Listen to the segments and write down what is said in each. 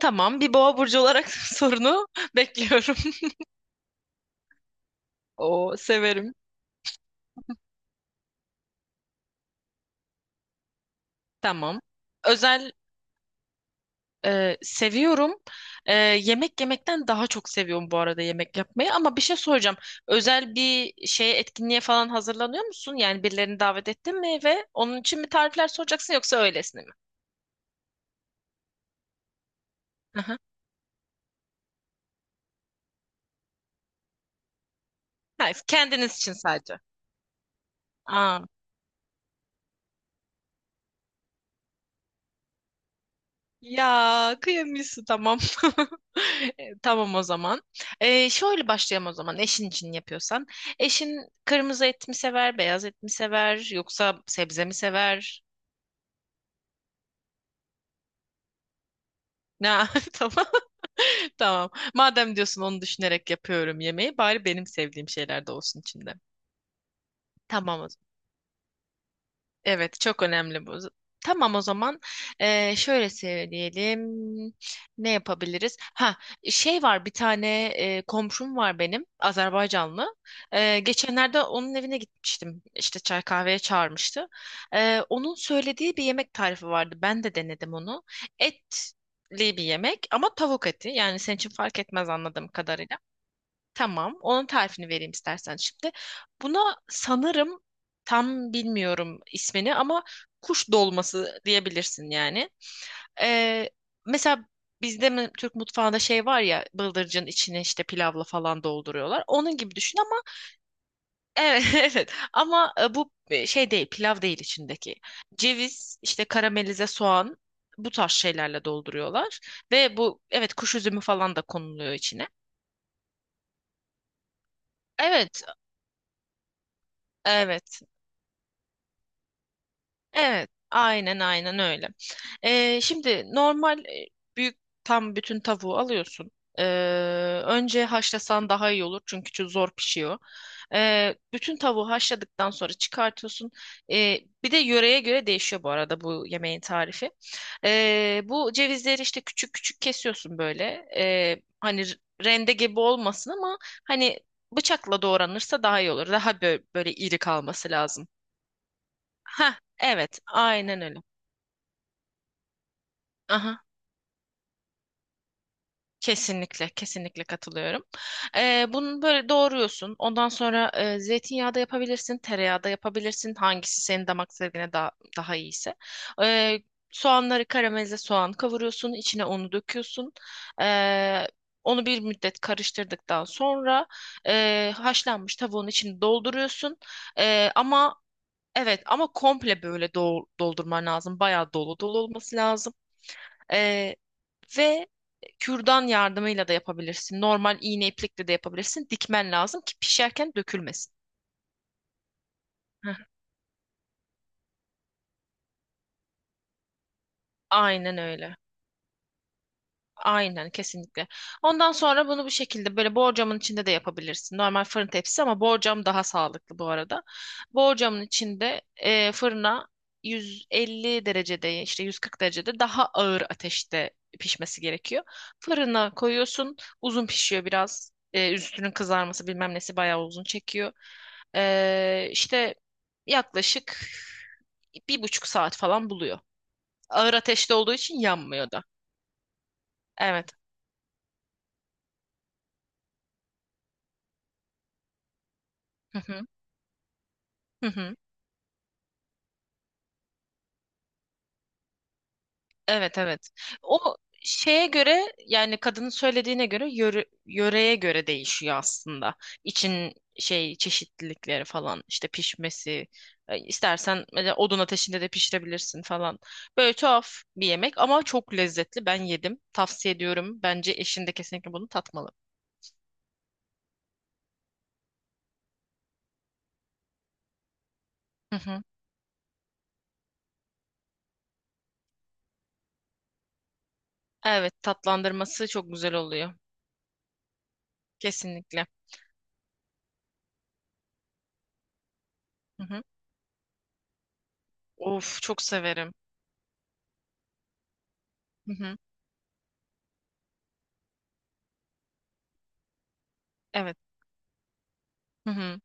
Tamam, bir boğa burcu olarak sorunu bekliyorum. O severim. Tamam. Özel seviyorum. Yemek yemekten daha çok seviyorum bu arada yemek yapmayı. Ama bir şey soracağım. Özel bir şeye etkinliğe falan hazırlanıyor musun? Yani birilerini davet ettin mi ve onun için mi tarifler soracaksın yoksa öylesine mi? Hı hı. Hayır, kendiniz için sadece. Aa, ya kıyamıyorsun tamam. Tamam o zaman. Şöyle başlayalım o zaman eşin için yapıyorsan. Eşin kırmızı et mi sever, beyaz et mi sever yoksa sebze mi sever? Ne? Tamam. Tamam. Madem diyorsun onu düşünerek yapıyorum yemeği bari benim sevdiğim şeyler de olsun içinde. Tamam. Evet, çok önemli bu. Tamam o zaman, şöyle söyleyelim. Ne yapabiliriz? Ha, şey var bir tane, komşum var benim Azerbaycanlı. Geçenlerde onun evine gitmiştim. İşte çay kahveye çağırmıştı. Onun söylediği bir yemek tarifi vardı. Ben de denedim onu. Etli bir yemek ama tavuk eti. Yani senin için fark etmez anladığım kadarıyla. Tamam. Onun tarifini vereyim istersen şimdi. Buna sanırım, tam bilmiyorum ismini ama, kuş dolması diyebilirsin yani. Ee, mesela bizde mi, Türk mutfağında şey var ya, bıldırcın içine işte pilavla falan dolduruyorlar. Onun gibi düşün ama evet, evet ama bu şey değil, pilav değil içindeki. Ceviz işte, karamelize soğan, bu tarz şeylerle dolduruyorlar ve bu, evet, kuş üzümü falan da konuluyor içine. Evet, evet. Evet, aynen aynen öyle. Şimdi normal büyük, tam bütün tavuğu alıyorsun. Ee, önce haşlasan daha iyi olur çünkü çok zor pişiyor. Bütün tavuğu haşladıktan sonra çıkartıyorsun. Bir de yöreye göre değişiyor bu arada bu yemeğin tarifi. Bu cevizleri işte küçük küçük kesiyorsun böyle. Hani rende gibi olmasın ama hani bıçakla doğranırsa daha iyi olur. Daha böyle iri kalması lazım. Ha, evet, aynen öyle. Aha, kesinlikle, kesinlikle katılıyorum. Bunu böyle doğruyorsun. Ondan sonra zeytinyağı da yapabilirsin, tereyağı da yapabilirsin. Hangisi senin damak zevkine daha, daha iyiyse. Ee, soğanları, karamelize soğan kavuruyorsun, içine unu döküyorsun. Ee, onu bir müddet karıştırdıktan sonra haşlanmış tavuğun içini dolduruyorsun. Ama evet, ama komple böyle doldurman lazım. Bayağı dolu dolu olması lazım. Ee, ve kürdan yardımıyla da yapabilirsin. Normal iğne iplikle de yapabilirsin. Dikmen lazım ki pişerken dökülmesin. Heh, aynen öyle. Aynen kesinlikle. Ondan sonra bunu bu şekilde böyle borcamın içinde de yapabilirsin. Normal fırın tepsisi ama borcam daha sağlıklı bu arada. Borcamın içinde fırına, 150 derecede, işte 140 derecede, daha ağır ateşte pişmesi gerekiyor. Fırına koyuyorsun. Uzun pişiyor biraz. Üstünün kızarması bilmem nesi bayağı uzun çekiyor. İşte yaklaşık 1,5 saat falan buluyor. Ağır ateşte olduğu için yanmıyor da. Evet. Hı hı. Hı hı. Evet evet. O şeye göre, yani kadının söylediğine göre, yöreye göre değişiyor aslında. İçin şey çeşitlilikleri falan, işte pişmesi, istersen mesela odun ateşinde de pişirebilirsin falan. Böyle tuhaf bir yemek ama çok lezzetli. Ben yedim. Tavsiye ediyorum. Bence eşin de kesinlikle bunu tatmalı. Hı hı. Evet, tatlandırması çok güzel oluyor. Kesinlikle. Hı hı. Of, çok severim. Hı hı. Evet. Hı hı.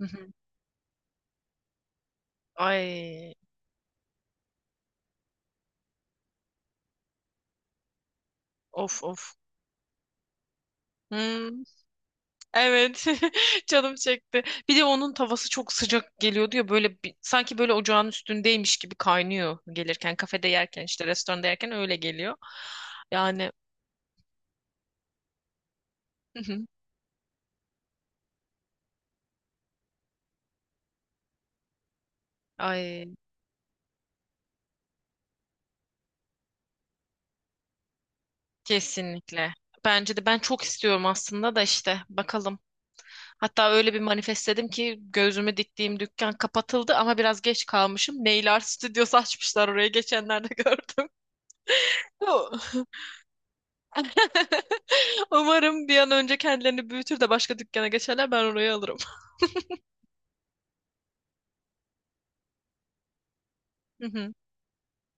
Hı hı. Ay, of of. Hmm. Evet. Canım çekti. Bir de onun tavası çok sıcak geliyordu ya, böyle sanki böyle ocağın üstündeymiş gibi kaynıyor, gelirken kafede yerken, işte restoranda yerken öyle geliyor. Yani hı hı. Ay, kesinlikle. Bence de, ben çok istiyorum aslında da, işte bakalım. Hatta öyle bir manifestledim ki, gözümü diktiğim dükkan kapatıldı ama biraz geç kalmışım. Nail Art Studios açmışlar oraya geçenlerde gördüm. Umarım bir an önce kendilerini büyütür de başka dükkana geçerler, ben orayı alırım. Hı hı.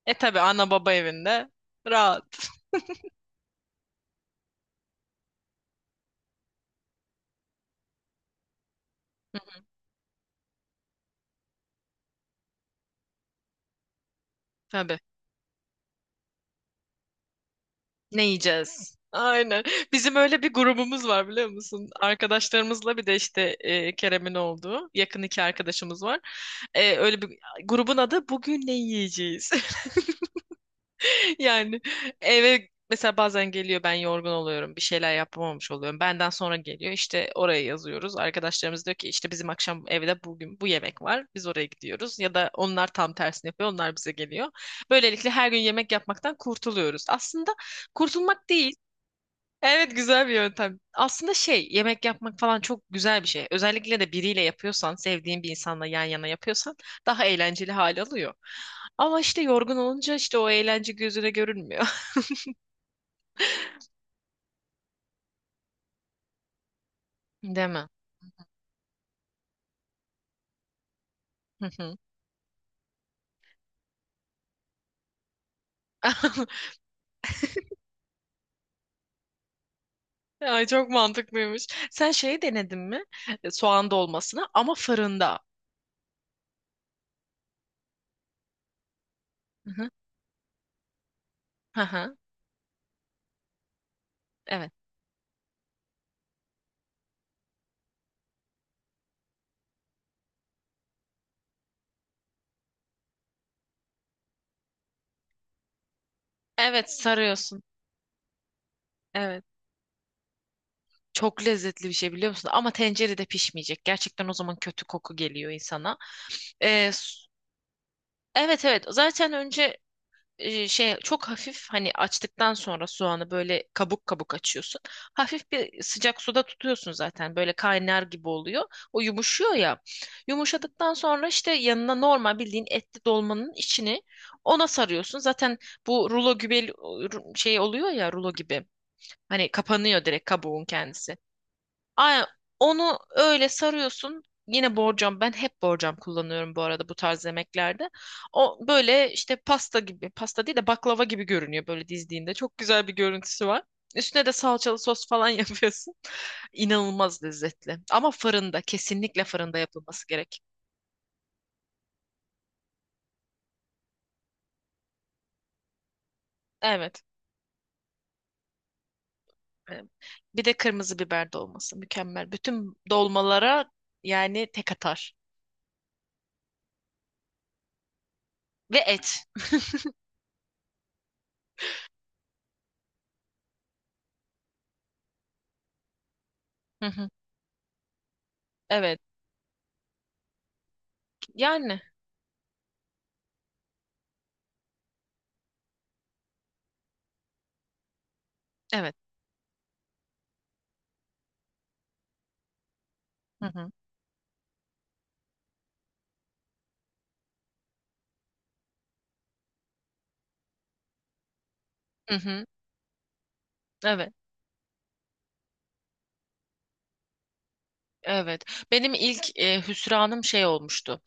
E tabii, ana baba evinde rahat. Tabii. Ne yiyeceğiz? Aynen. Bizim öyle bir grubumuz var, biliyor musun? Arkadaşlarımızla, bir de işte Kerem'in olduğu yakın iki arkadaşımız var. Öyle bir, grubun adı bugün ne yiyeceğiz? Yani eve mesela bazen geliyor, ben yorgun oluyorum, bir şeyler yapamamış oluyorum. Benden sonra geliyor, işte oraya yazıyoruz. Arkadaşlarımız diyor ki işte, bizim akşam evde bugün bu yemek var, biz oraya gidiyoruz. Ya da onlar tam tersini yapıyor, onlar bize geliyor. Böylelikle her gün yemek yapmaktan kurtuluyoruz. Aslında kurtulmak değil. Evet, güzel bir yöntem. Aslında şey, yemek yapmak falan çok güzel bir şey. Özellikle de biriyle yapıyorsan, sevdiğin bir insanla yan yana yapıyorsan, daha eğlenceli hal alıyor. Ama işte yorgun olunca, işte o eğlence gözüne görünmüyor. Değil mi? Hı hı. Ay, çok mantıklıymış. Sen şeyi denedin mi? Soğan dolmasını, ama fırında. Hı hı. Hı hı. Evet. Evet, sarıyorsun. Evet. Çok lezzetli bir şey, biliyor musun? Ama tencerede pişmeyecek. Gerçekten o zaman kötü koku geliyor insana. E, s- evet evet. Zaten önce, şey çok hafif, hani açtıktan sonra soğanı böyle kabuk kabuk açıyorsun. Hafif bir sıcak suda tutuyorsun, zaten böyle kaynar gibi oluyor. O yumuşuyor ya. Yumuşadıktan sonra, işte yanına normal bildiğin etli dolmanın içini ona sarıyorsun. Zaten bu rulo gibi şey oluyor ya, rulo gibi. Hani kapanıyor direkt kabuğun kendisi. Aynen onu öyle sarıyorsun. Yine borcam, ben hep borcam kullanıyorum bu arada bu tarz yemeklerde. O böyle işte pasta gibi, pasta değil de baklava gibi görünüyor böyle dizdiğinde. Çok güzel bir görüntüsü var. Üstüne de salçalı sos falan yapıyorsun. İnanılmaz lezzetli. Ama fırında, kesinlikle fırında yapılması gerek. Evet. Evet. Bir de kırmızı biber dolması mükemmel. Bütün dolmalara yani tek atar. Ve et. Hı hı. Evet. Yani evet. Hı hı. Hı hı. Evet. Evet. Benim ilk hüsranım şey olmuştu.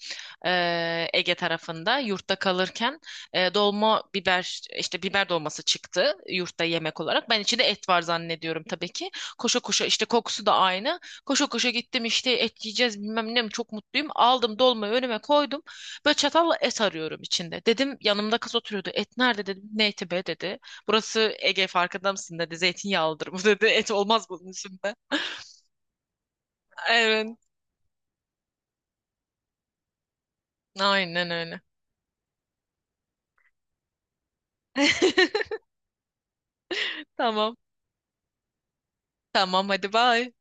Ege tarafında yurtta kalırken, dolma biber, işte biber dolması çıktı yurtta yemek olarak. Ben içinde et var zannediyorum tabii ki. Koşa koşa, işte kokusu da aynı. Koşa koşa gittim, işte et yiyeceğiz bilmem ne, çok mutluyum. Aldım dolmayı önüme koydum. Böyle çatalla et arıyorum içinde. Dedim, yanımda kız oturuyordu. Et nerede dedim. Ne eti be dedi. Burası Ege, farkında mısın dedi. Zeytinyağlıdır bu dedi. Et olmaz bunun içinde. Evet. Aynen öyle. Tamam. Tamam, hadi bye.